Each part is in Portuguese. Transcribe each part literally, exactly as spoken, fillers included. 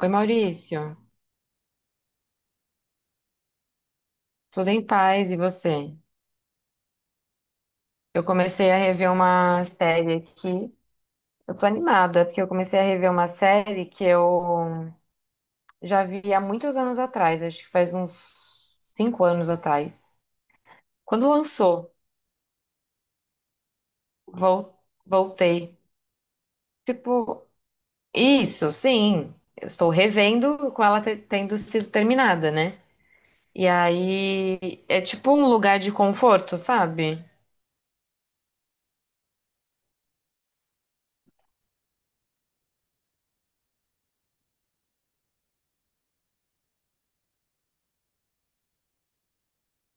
Oi, Maurício. Tudo em paz e você? Eu comecei a rever uma série aqui. Eu tô animada, porque eu comecei a rever uma série que eu já vi há muitos anos atrás, acho que faz uns cinco anos atrás. Quando lançou, vol- voltei. Tipo, isso, sim. Eu estou revendo com ela te- tendo sido terminada, né? E aí é tipo um lugar de conforto, sabe?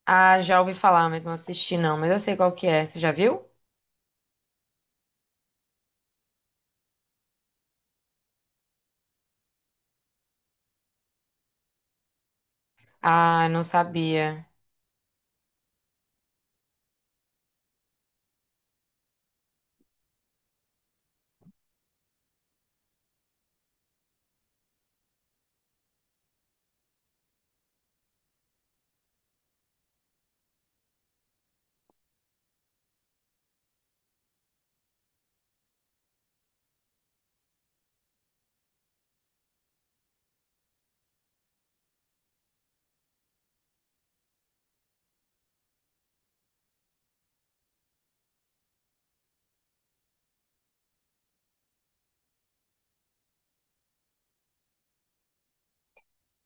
Ah, já ouvi falar, mas não assisti não, mas eu sei qual que é. Você já viu? Ah, não sabia.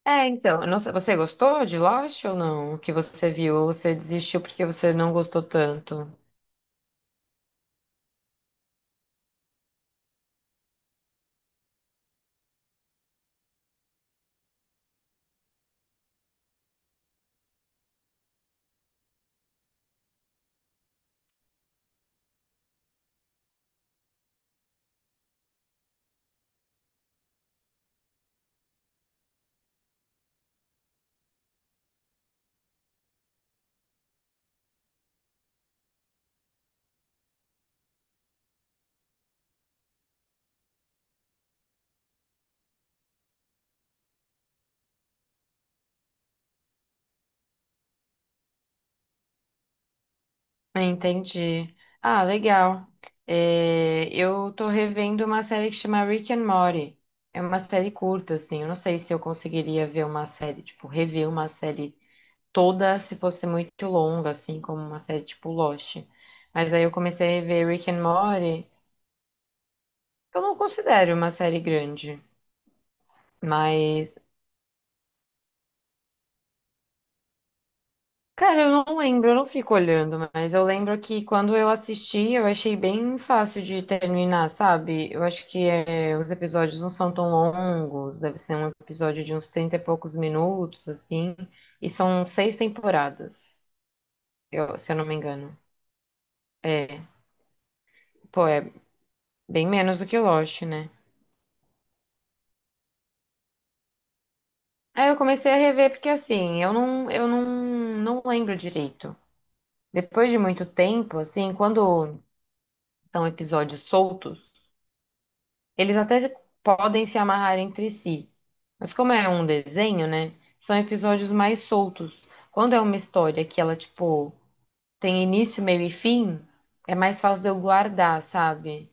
É, então, eu não sei, você gostou de Lost ou não? O que você viu? Ou você desistiu porque você não gostou tanto? Ah, entendi. Ah, legal. É, eu tô revendo uma série que chama Rick and Morty. É uma série curta, assim. Eu não sei se eu conseguiria ver uma série, tipo, rever uma série toda se fosse muito longa, assim, como uma série tipo Lost. Mas aí eu comecei a rever Rick and Morty, que eu não considero uma série grande, mas cara, eu não lembro, eu não fico olhando, mas eu lembro que quando eu assisti, eu achei bem fácil de terminar, sabe? Eu acho que é, os episódios não são tão longos, deve ser um episódio de uns trinta e poucos minutos, assim, e são seis temporadas, eu- se eu não me engano. É, pô, é bem menos do que Lost, né? Aí eu comecei a rever porque, assim, eu não, eu não, não lembro direito. Depois de muito tempo, assim, quando são episódios soltos, eles até se- podem se amarrar entre si, mas como é um desenho, né? São episódios mais soltos. Quando é uma história que ela, tipo, tem início, meio e fim, é mais fácil de eu guardar, sabe?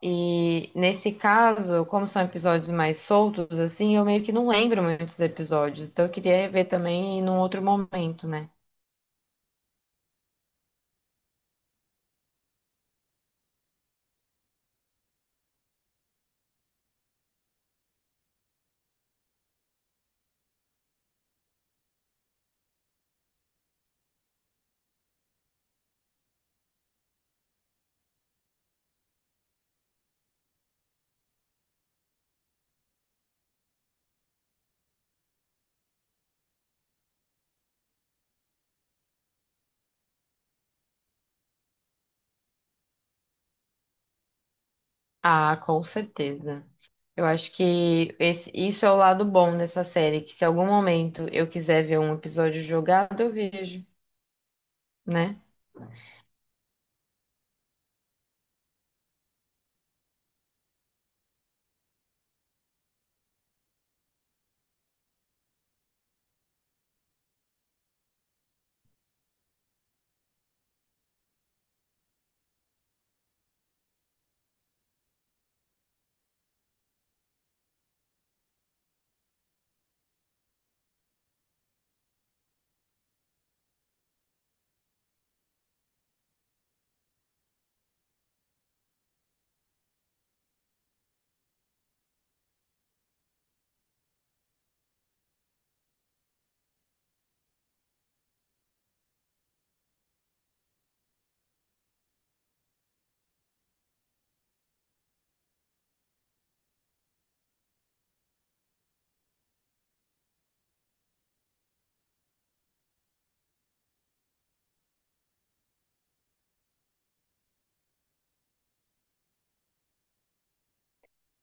E nesse caso, como são episódios mais soltos, assim, eu meio que não lembro muitos episódios. Então eu queria rever também num outro momento, né? Ah, com certeza. Eu acho que esse, isso é o lado bom dessa série, que se algum momento eu quiser ver um episódio jogado, eu vejo, né?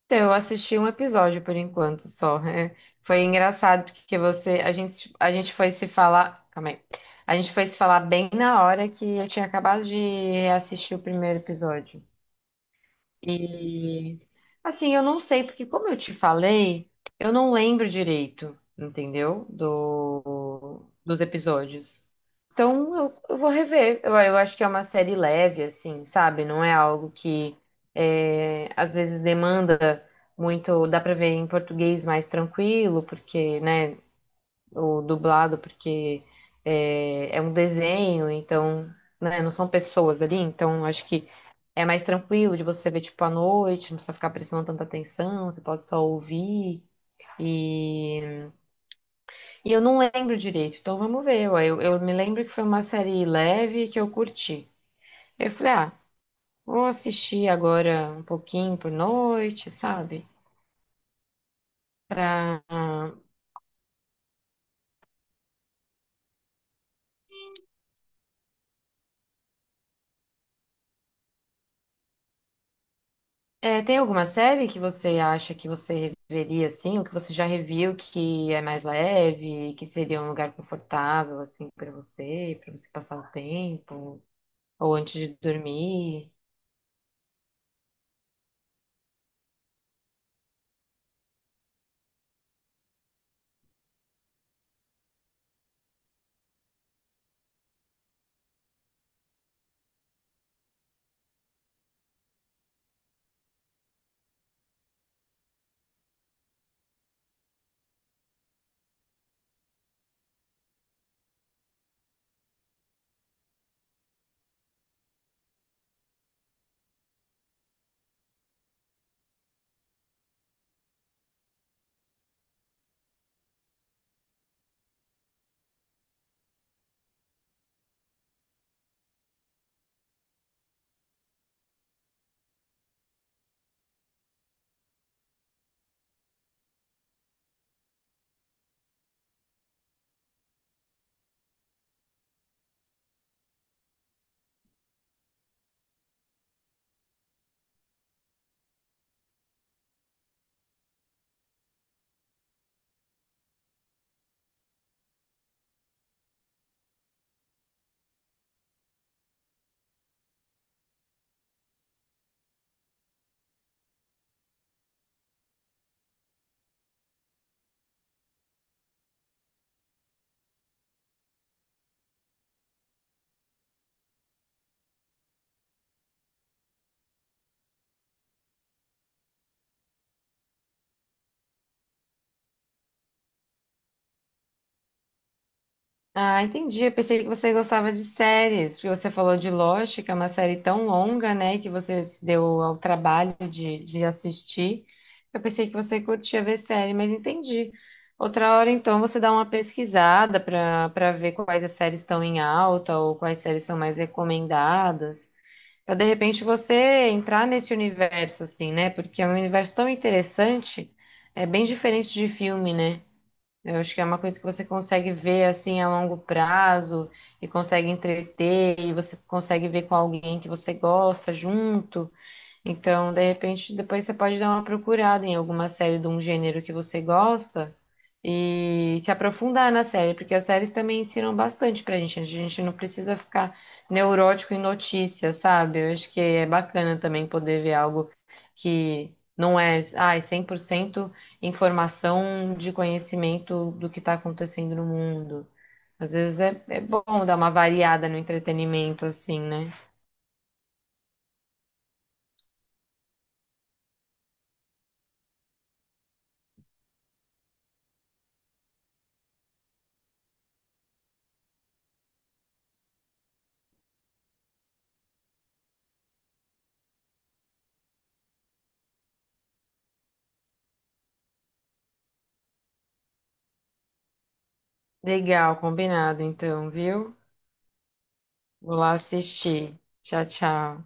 Então, eu assisti um episódio por enquanto só. É, foi engraçado porque você, a gente, a gente foi se falar, calma aí. A gente foi se falar bem na hora que eu tinha acabado de assistir o primeiro episódio. E assim, eu não sei, porque como eu te falei, eu não lembro direito, entendeu? Do, dos episódios. Então eu, eu vou rever. Eu, eu acho que é uma série leve, assim, sabe? Não é algo que é, às vezes demanda muito. Dá pra ver em português mais tranquilo, porque, né? O dublado, porque é, é um desenho, então, né? Não são pessoas ali, então acho que é mais tranquilo de você ver tipo à noite, não precisa ficar prestando tanta atenção, você pode só ouvir. E, e eu não lembro direito, então vamos ver, ué. Eu, eu me lembro que foi uma série leve que eu curti. Eu falei, ah, vou assistir agora um pouquinho por noite, sabe? Pra... É, tem alguma série que você acha que você reveria assim, ou que você já reviu que é mais leve, que seria um lugar confortável assim para você, para você passar o tempo? Ou antes de dormir. Ah, entendi. Eu pensei que você gostava de séries, porque você falou de Lost, que é uma série tão longa, né, que você se deu ao trabalho de, de assistir. Eu pensei que você curtia ver série, mas entendi. Outra hora, então, você dá uma pesquisada para para ver quais as séries estão em alta ou quais séries são mais recomendadas. Para de repente você entrar nesse universo, assim, né? Porque é um universo tão interessante, é bem diferente de filme, né? Eu acho que é uma coisa que você consegue ver assim a longo prazo e consegue entreter e você consegue ver com alguém que você gosta junto. Então, de repente, depois você pode dar uma procurada em alguma série de um gênero que você gosta e se aprofundar na série, porque as séries também ensinam bastante pra gente, né? A gente não precisa ficar neurótico em notícias, sabe? Eu acho que é bacana também poder ver algo que não é, ai, cem por cento informação de conhecimento do que está acontecendo no mundo. Às vezes é, é bom dar uma variada no entretenimento, assim, né? Legal, combinado, então, viu? Vou lá assistir. Tchau, tchau.